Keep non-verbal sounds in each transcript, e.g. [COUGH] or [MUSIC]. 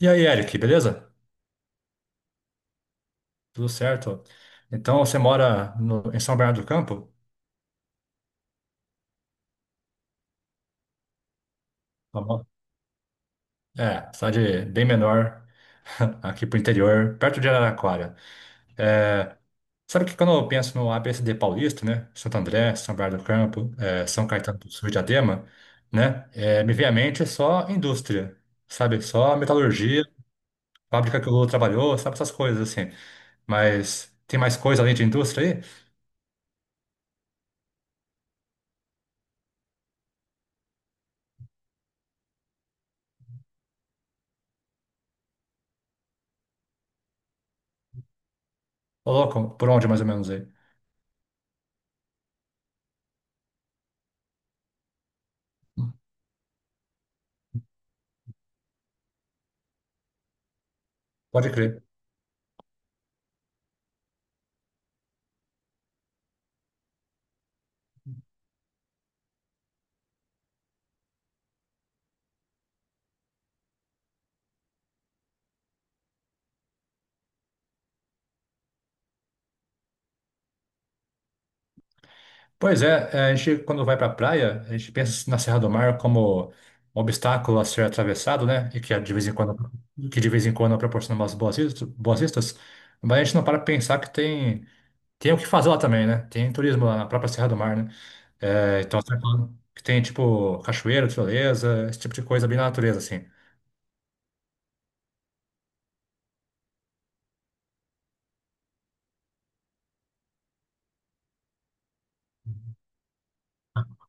E aí, Eric, beleza? Tudo certo? Então, você mora em São Bernardo do Campo? Tá bom. Cidade bem menor, [LAUGHS] aqui pro interior, perto de Araraquara. É, sabe que quando eu penso no ABCD paulista, né? Santo André, São Bernardo do Campo, São Caetano do Sul e Diadema, né? Me vem à mente só indústria, sabe? Só metalurgia, fábrica que o Lula trabalhou, sabe? Essas coisas assim. Mas tem mais coisa além de indústria aí? Ô, louco, por onde mais ou menos aí? Pode crer. Pois é, a gente quando vai para a praia, a gente pensa assim na Serra do Mar como um obstáculo a ser atravessado, né? Que de vez em quando proporciona umas boas vistas, mas a gente não para pra pensar que tem o que fazer lá também, né? Tem turismo lá na própria Serra do Mar, né? É, então você tá falando que tem tipo cachoeira, tirolesa, esse tipo de coisa bem na natureza, assim.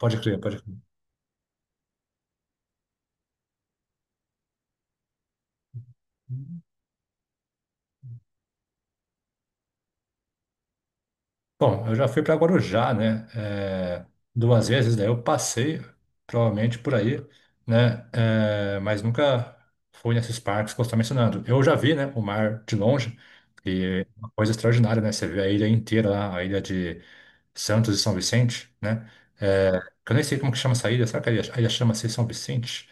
Pode crer, pode crer. Bom, eu já fui para Guarujá, né? Duas vezes, daí eu passei provavelmente por aí, né? Mas nunca fui nesses parques que você está mencionando. Eu já vi, né, o mar de longe e é uma coisa extraordinária, né? Você vê a ilha inteira lá, a ilha de Santos e São Vicente, né? é, que eu nem sei como que chama essa ilha. Será que a ilha chama-se São Vicente?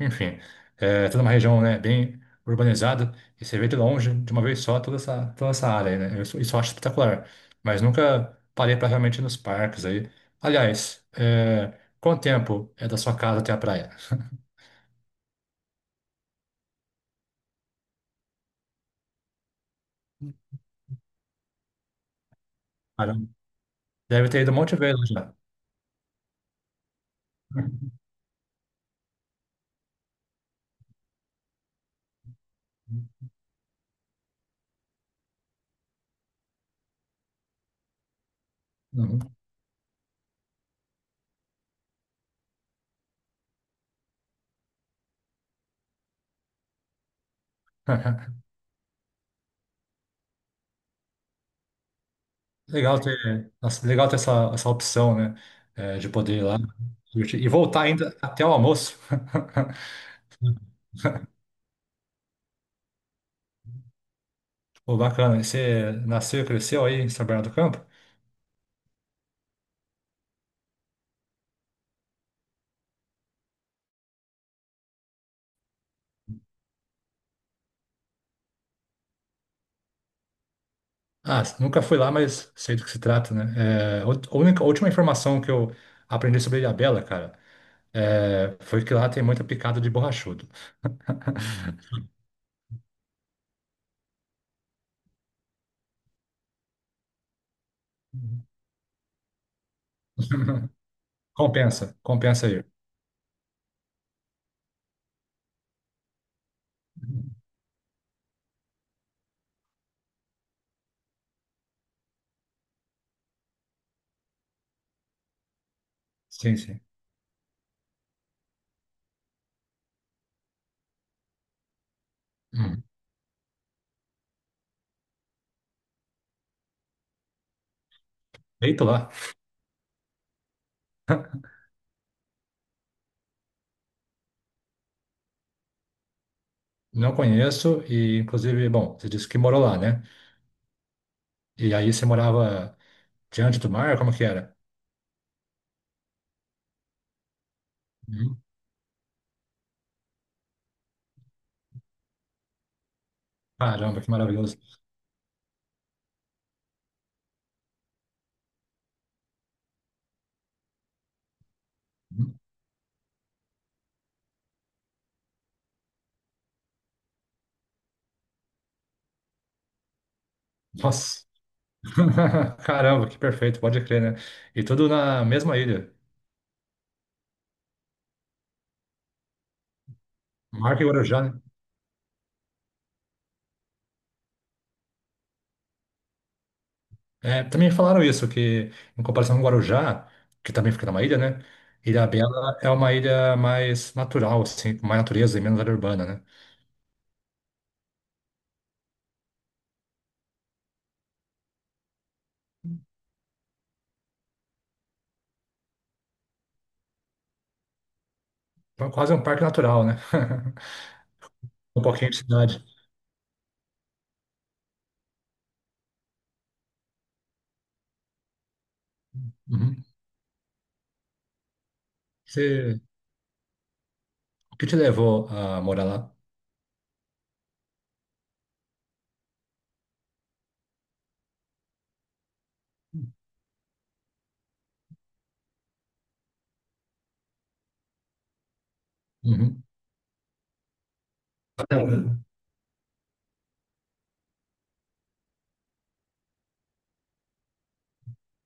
Enfim, é toda uma região, né, bem urbanizada e você vê de longe, de uma vez só, toda essa área aí, né? Eu Isso, isso eu acho espetacular. Mas nunca parei para realmente ir nos parques aí. Aliás, é, quanto tempo é da sua casa até a praia? Caramba, deve ter ido um monte de vezes já. Uhum. [LAUGHS] Legal ter, nossa, legal ter essa opção, né? É, de poder ir lá curtir e voltar ainda até o almoço. [LAUGHS] Pô, bacana. E você nasceu e cresceu aí em São Bernardo do Campo? Ah, nunca fui lá, mas sei do que se trata, né? É, a a última informação que eu aprendi sobre Ilhabela, cara, foi que lá tem muita picada de borrachudo. Uhum. [LAUGHS] Compensa, compensa aí. Sim, sim. Hum. Deito lá. [LAUGHS] Não conheço e, inclusive, bom, você disse que morou lá, né? E aí você morava diante do mar? Como que era? Uhum. Caramba, que maravilhoso. Uhum. Nossa. [LAUGHS] Caramba, que perfeito, pode crer, né? E tudo na mesma ilha. Marca e Guarujá, né? É, também falaram isso, que em comparação com Guarujá, que também fica numa ilha, né? Ilha Bela é uma ilha mais natural, assim, com mais natureza e menos área urbana, né? Então, quase um parque natural, né? [LAUGHS] Um pouquinho de cidade. Uhum. Você, o que te levou a morar lá? Uhum. Então,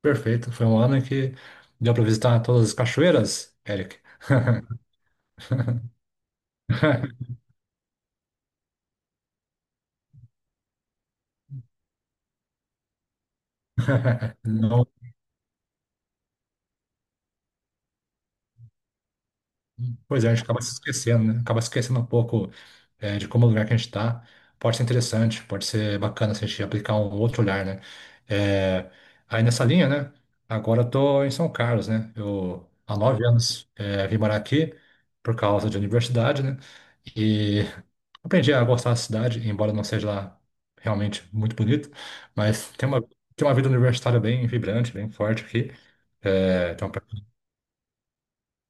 perfeito. Foi um ano em que deu para visitar todas as cachoeiras, Eric. [LAUGHS] Não. Pois é, a gente acaba se esquecendo, né? Acaba se esquecendo um pouco, é, de como o lugar que a gente está. Pode ser interessante, pode ser bacana se a gente aplicar um outro olhar, né? É, aí nessa linha, né? Agora eu tô em São Carlos, né? Eu há nove anos vim morar aqui por causa de universidade, né? E [LAUGHS] aprendi a gostar da cidade, embora não seja lá realmente muito bonito, mas tem uma vida universitária bem vibrante, bem forte aqui. É, então,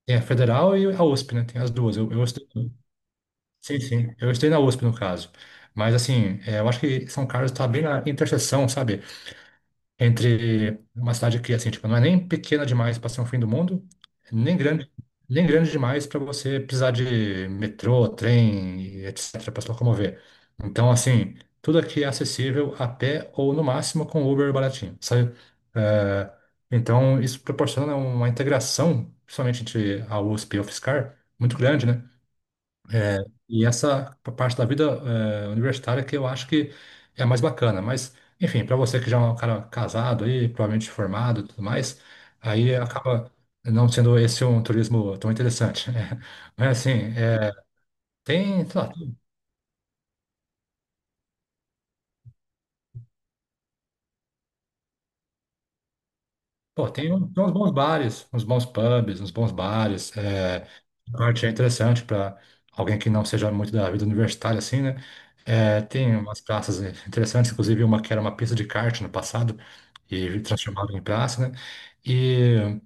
tem a federal e a USP, né? Tem as duas. Eu estudei sim, sim. Eu estudei na USP, no caso. Mas, assim, é, eu acho que São Carlos está bem na interseção, sabe? Entre uma cidade que, assim, tipo, não é nem pequena demais para ser um fim do mundo, nem grande, nem grande demais para você precisar de metrô, trem, etc., para se locomover. Então, assim, tudo aqui é acessível a pé ou, no máximo, com Uber baratinho, sabe? É, então, isso proporciona uma integração, principalmente entre a USP e a UFSCar, muito grande, né? É, e essa parte da vida universitária que eu acho que é a mais bacana. Mas, enfim, para você que já é um cara casado aí, provavelmente formado e tudo mais, aí acaba não sendo esse um turismo tão interessante, né? [LAUGHS] Mas, assim, é, tem, sei lá, pô, tem uns bons bares, uns bons pubs, uns bons bares. É, a parte é interessante para alguém que não seja muito da vida universitária, assim, né? É, tem umas praças né, interessantes, inclusive uma que era uma pista de kart no passado e transformaram em praça, né? E,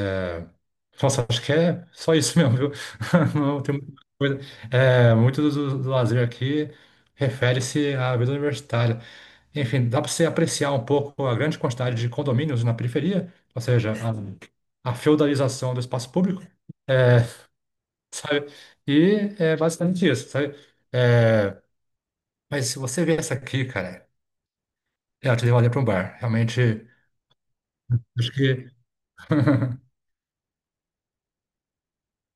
é, nossa, acho que é só isso mesmo, viu? [LAUGHS] Não tem muita coisa. É, muito do lazer aqui refere-se à vida universitária. Enfim, dá para você apreciar um pouco a grande quantidade de condomínios na periferia, ou seja, a feudalização do espaço público, é, sabe? E é basicamente isso, sabe? É, mas se você vê essa aqui, cara. É, eu te levaria para um bar. Realmente, acho que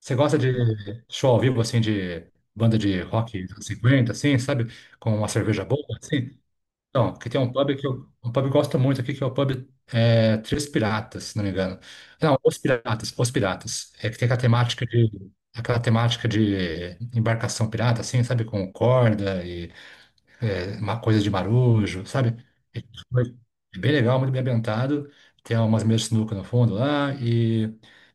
você gosta de show ao vivo, assim, de banda de rock dos anos 50, assim, sabe? Com uma cerveja boa, assim. Então, que tem um pub que eu gosto muito aqui, que é o pub é, Três Piratas, se não me engano. Não, Os Piratas, Os Piratas. É que tem aquela temática de embarcação pirata, assim, sabe? Com corda e é, uma coisa de marujo, sabe? É É bem legal, muito bem ambientado. Tem umas mesas de sinuca no fundo lá e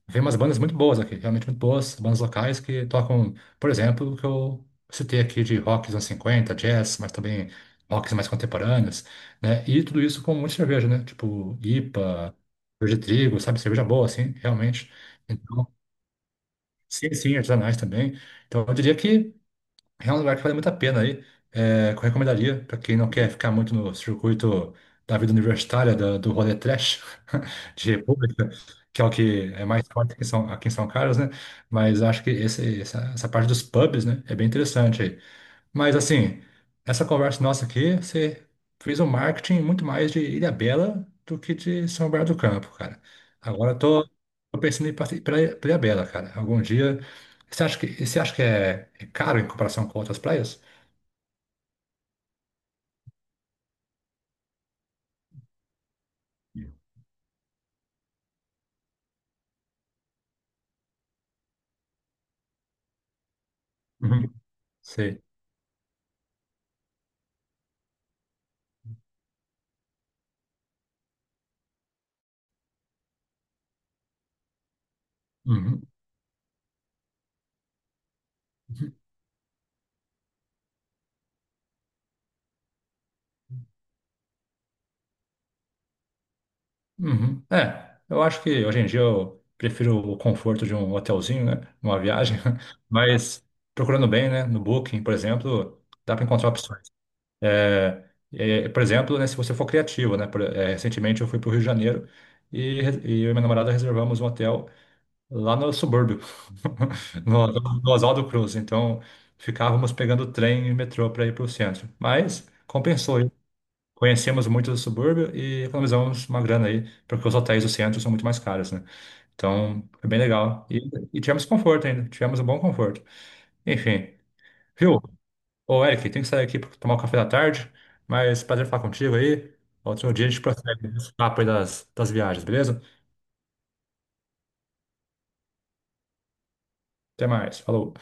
vem umas bandas muito boas aqui, realmente muito boas, bandas locais que tocam, por exemplo, o que eu citei aqui de rock dos anos 50, jazz, mas também rocks mais contemporâneos, né? E tudo isso com muita cerveja, né? Tipo IPA, cerveja de trigo, sabe? Cerveja boa, assim, realmente. Então, sim, sim, artesanais também. Então, eu diria que é um lugar que vale muito a pena aí. É, que eu recomendaria para quem não quer ficar muito no circuito da vida universitária, do rolê trash [LAUGHS] de República, que é o que é mais forte aqui em aqui em São Carlos, né? Mas acho que essa parte dos pubs, né, é bem interessante, mas assim, essa conversa nossa aqui, você fez um marketing muito mais de Ilhabela do que de São Bernardo do Campo, cara. Agora eu tô, Tô pensando em ir para Ilhabela, cara. Algum dia. Você acha que é, é caro em comparação com outras praias? Uhum. Sei. Uhum. Uhum. É, eu acho que hoje em dia eu prefiro o conforto de um hotelzinho, né? Uma viagem, [LAUGHS] mas procurando bem, né? No Booking, por exemplo, dá para encontrar opções. É, é, por exemplo, né, se você for criativo, né? É, recentemente eu fui para o Rio de Janeiro e eu e minha namorada reservamos um hotel lá no subúrbio, [LAUGHS] no, no Oswaldo Cruz. Então, ficávamos pegando trem e metrô para ir para o centro. Mas compensou. Hein? Conhecemos muito do subúrbio e economizamos uma grana aí, porque os hotéis do centro são muito mais caros, né? Então, foi bem legal. E tivemos conforto ainda, tivemos um bom conforto. Enfim, viu? Ô, Eric, tem que sair aqui para tomar o café da tarde, mas prazer falar contigo aí. Outro dia a gente prossegue esse papo aí das viagens, beleza? Até mais, falou.